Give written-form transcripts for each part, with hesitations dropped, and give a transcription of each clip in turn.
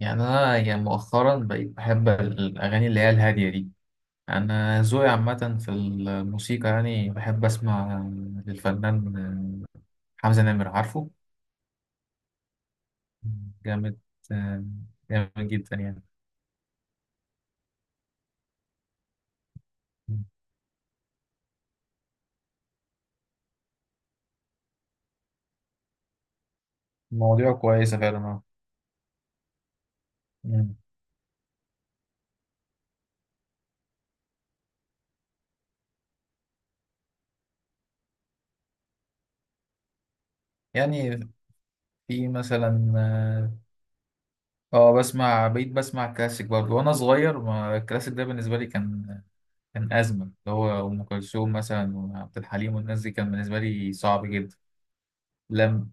يعني أنا يعني مؤخرا بقيت بحب الأغاني اللي هي الهادية دي. أنا ذوقي عامة في الموسيقى، يعني بحب أسمع للفنان حمزة نمر، عارفه؟ جامد، جامد جدا يعني. مواضيعه كويسة فعلا، اه. مم. يعني في مثلا، اه، بقيت بسمع كلاسيك برضه، وأنا صغير ما الكلاسيك ده بالنسبة لي كان أزمة، اللي هو أم كلثوم مثلا وعبد الحليم والناس دي، كان بالنسبة لي صعب جدا. لم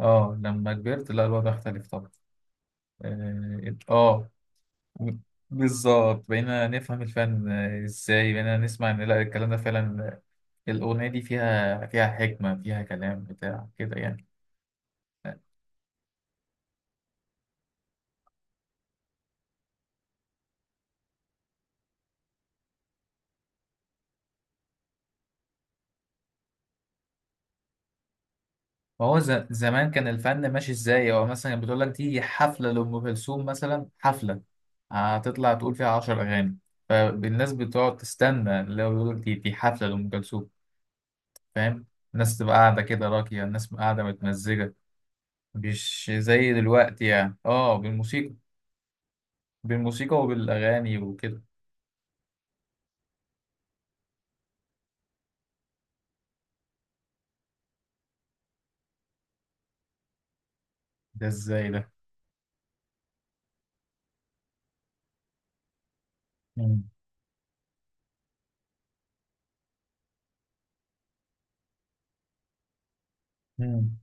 اه، لما كبرت لا، الوضع اختلف طبعا. اه، آه، بالظبط بقينا نفهم الفن، ازاي بقينا نسمع ان لا، الكلام ده فعلا، الاغنيه دي فيها حكمه، فيها كلام بتاع كده يعني. ما هو زمان كان الفن ماشي ازاي، هو مثلا بتقول لك دي حفله لام كلثوم مثلا، حفله هتطلع تقول فيها 10 اغاني، فالناس بتقعد تستنى لو يقول دي حفله لام كلثوم. فاهم. الناس تبقى قاعده كده راقيه، الناس قاعده متمزجه، مش زي دلوقتي يعني، اه بالموسيقى. بالموسيقى وبالاغاني وكده. ده ازاي ده؟ مم. مم.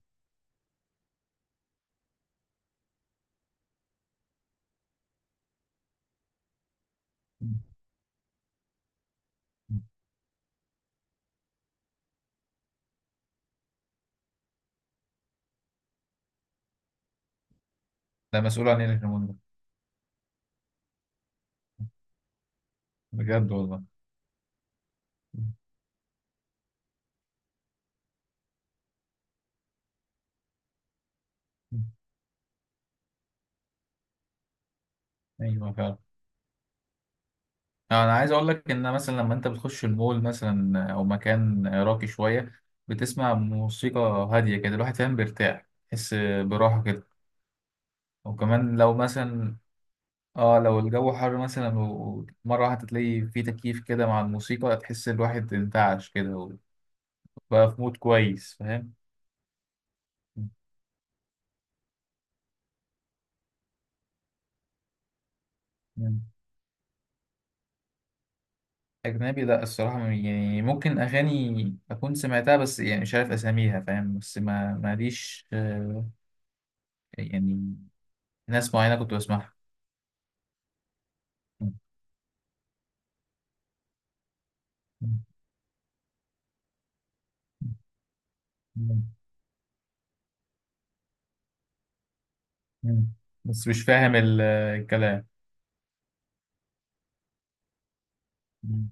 ده مسؤول عن ايه الهرمون ده؟ بجد والله؟ مم. ايوه فعلا. انا عايز اقول لك ان مثلا لما انت بتخش المول مثلا او مكان راقي شويه، بتسمع موسيقى هاديه كده، الواحد فاهم بيرتاح، تحس براحه كده. وكمان لو مثلا، اه لو الجو حر مثلا ومره واحده، تلاقي في تكييف كده مع الموسيقى، تحس الواحد انتعش كده، بقى في مود كويس، فاهم. مم. أجنبي؟ لأ الصراحة، يعني ممكن أغاني أكون سمعتها بس يعني مش عارف أساميها، فاهم، بس ما ماليش، يعني، ناس معينة كنت بسمعها. مم. مم. مم. مم. بس مش فاهم الكلام. مم.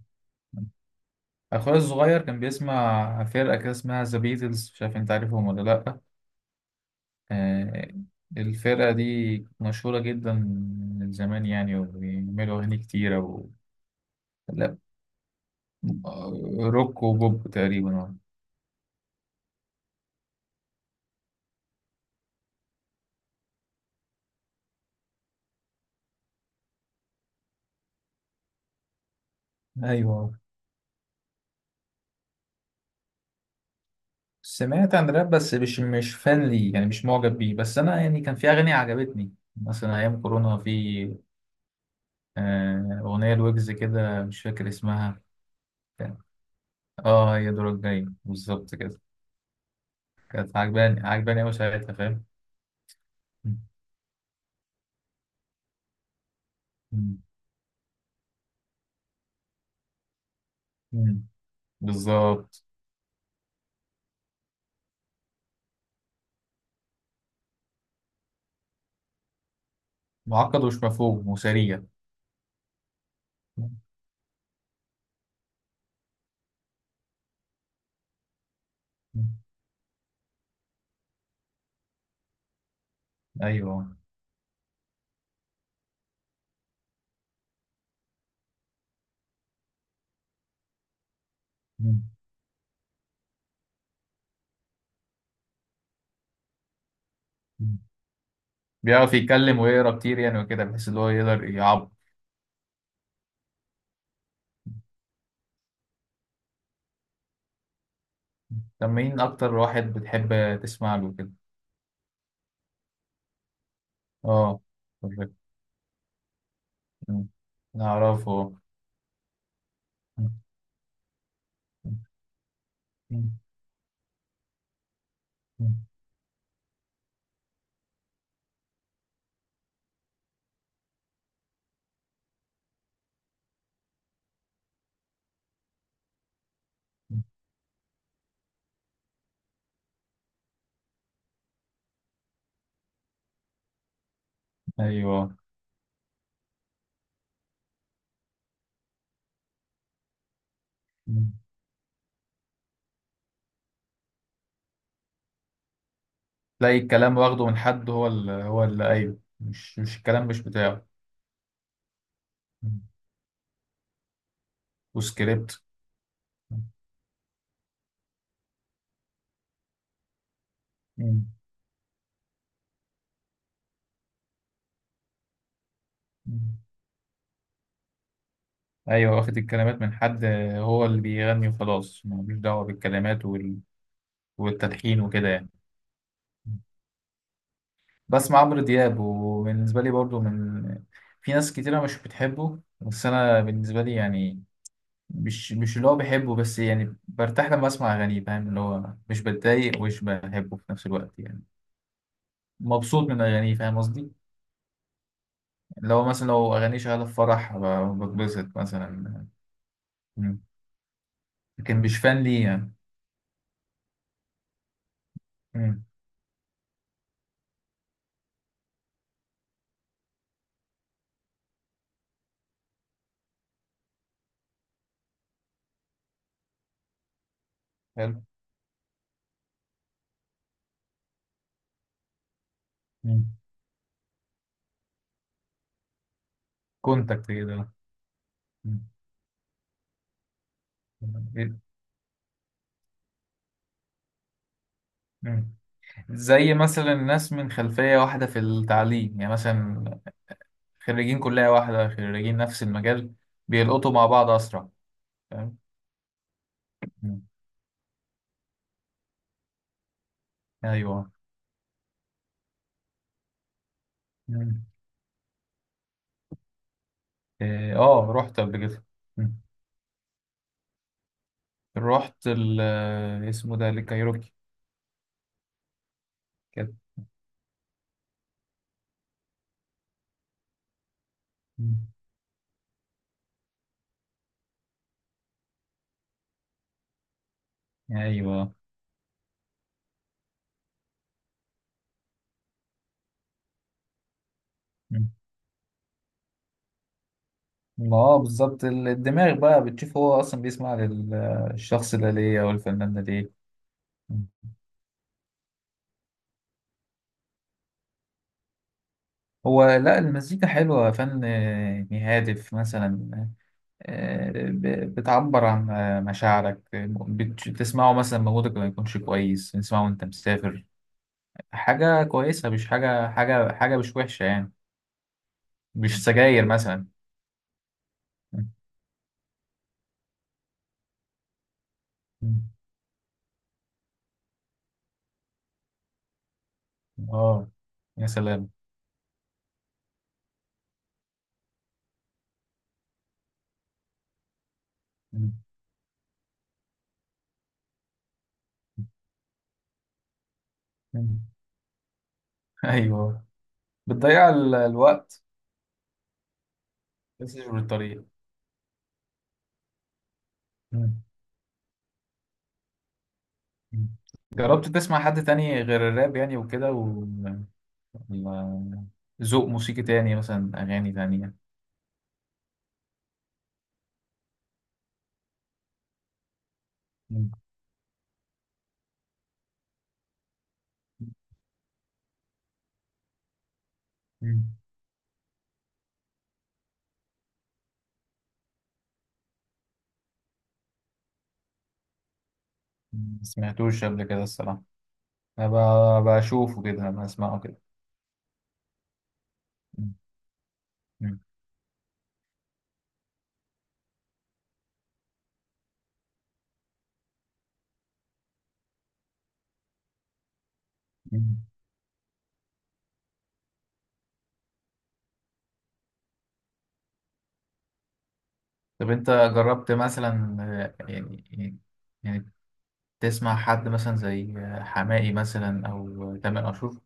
أخويا الصغير كان بيسمع فرقة كده اسمها ذا بيتلز، مش عارف أنت عارفهم ولا لأ؟ آه، الفرقة دي مشهورة جدا، من زمان يعني، وبيعملوا أغاني كتيرة و... آه، روك وبوب تقريبا، اه. ايوه. سمعت عن راب بس مش فان لي يعني، مش معجب بيه، بس انا يعني كان في اغاني عجبتني مثلا ايام كورونا، في اغنيه الويجز كده مش فاكر اسمها. كان- اه، هي دورك جاي بالظبط كده. كانت عجباني عجباني قوي ساعتها، فاهم. مم. مم. مم. بالظبط. معقد ومش مفهوم وسريع. مم. مم. ايوه. مم. مم. بيعرف يتكلم ويقرا كتير يعني وكده، بحيث ان هو يقدر يعبر. طب مين أكتر واحد بتحب تسمع له كده؟ آه. بالظبط. مم. نعرفه. مم. مم. مم. أيوه. مم. تلاقي الكلام واخده من حد، هو اللي، أيوه، مش الكلام مش بتاعه. مم. وسكريبت. مم. مم. أيوه واخد الكلمات من حد، هو اللي بيغني وخلاص، ملوش دعوة بالكلمات وال... والتلحين وكده يعني. بسمع عمرو دياب، وبالنسبة لي برضو من، في ناس كتيرة مش بتحبه بس أنا بالنسبة لي يعني، مش اللي هو بحبه، بس يعني برتاح لما اسمع اغانيه، فاهم، اللي هو مش بتضايق ومش بحبه في نفس الوقت يعني. مبسوط من اغانيه فاهم قصدي. لو مثلا لو اغانيه شغاله في فرح، بتبسط مثلا. مم. لكن مش فان ليه يعني. مم. حلو. كونتاكت كده. مم. مم. زي مثلا ناس من خلفيه واحده في التعليم يعني مثلا، خريجين كليه واحده، خريجين نفس المجال، بيلقطوا مع بعض اسرع. فاهم. مم. ايوه. إيه، اه رحت قبل كده. مم. رحت ال آه، اسمه ده الكايروكي كده. مم. ايوه. مم. ما اه بالظبط، الدماغ بقى بتشوف هو اصلا بيسمع للشخص ده ليه او الفنان ده ليه. مم. هو لا، المزيكا حلوة، فن هادف مثلا، بتعبر عن مشاعرك، بتسمعه مثلا مودك ما يكونش كويس، تسمعه وانت مسافر، حاجة كويسة، مش حاجة حاجة حاجة مش وحشة يعني، مش سجاير مثلا. مم. اه. يا سلام. مم. مم. ايوه. بتضيع الوقت. بس مش بالطريقة. مم. مم. جربت تسمع حد تاني غير الراب يعني وكده و... ولا ذوق موسيقي تاني مثلا، أغاني تانية؟ مم. مم. ما سمعتوش قبل كده الصراحة. أنا بشوفه كده بسمعه كده. مم. مم. مم. طب أنت جربت مثلا، آه، يعني يعني تسمع حد مثلا زي حماقي مثلا او تامر عاشور؟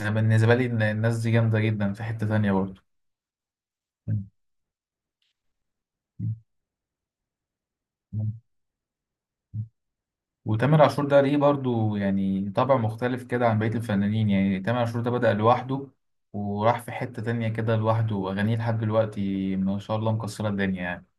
انا بالنسبه لي إن الناس دي جامده جدا في حته تانية برضه. وتامر عاشور ده ليه برضو يعني طبع مختلف كده عن بقية الفنانين، يعني تامر عاشور ده بدأ لوحده، وراح في حتة تانية كده لوحده، وأغانيه لحد دلوقتي ما شاء الله مكسرة الدنيا يعني.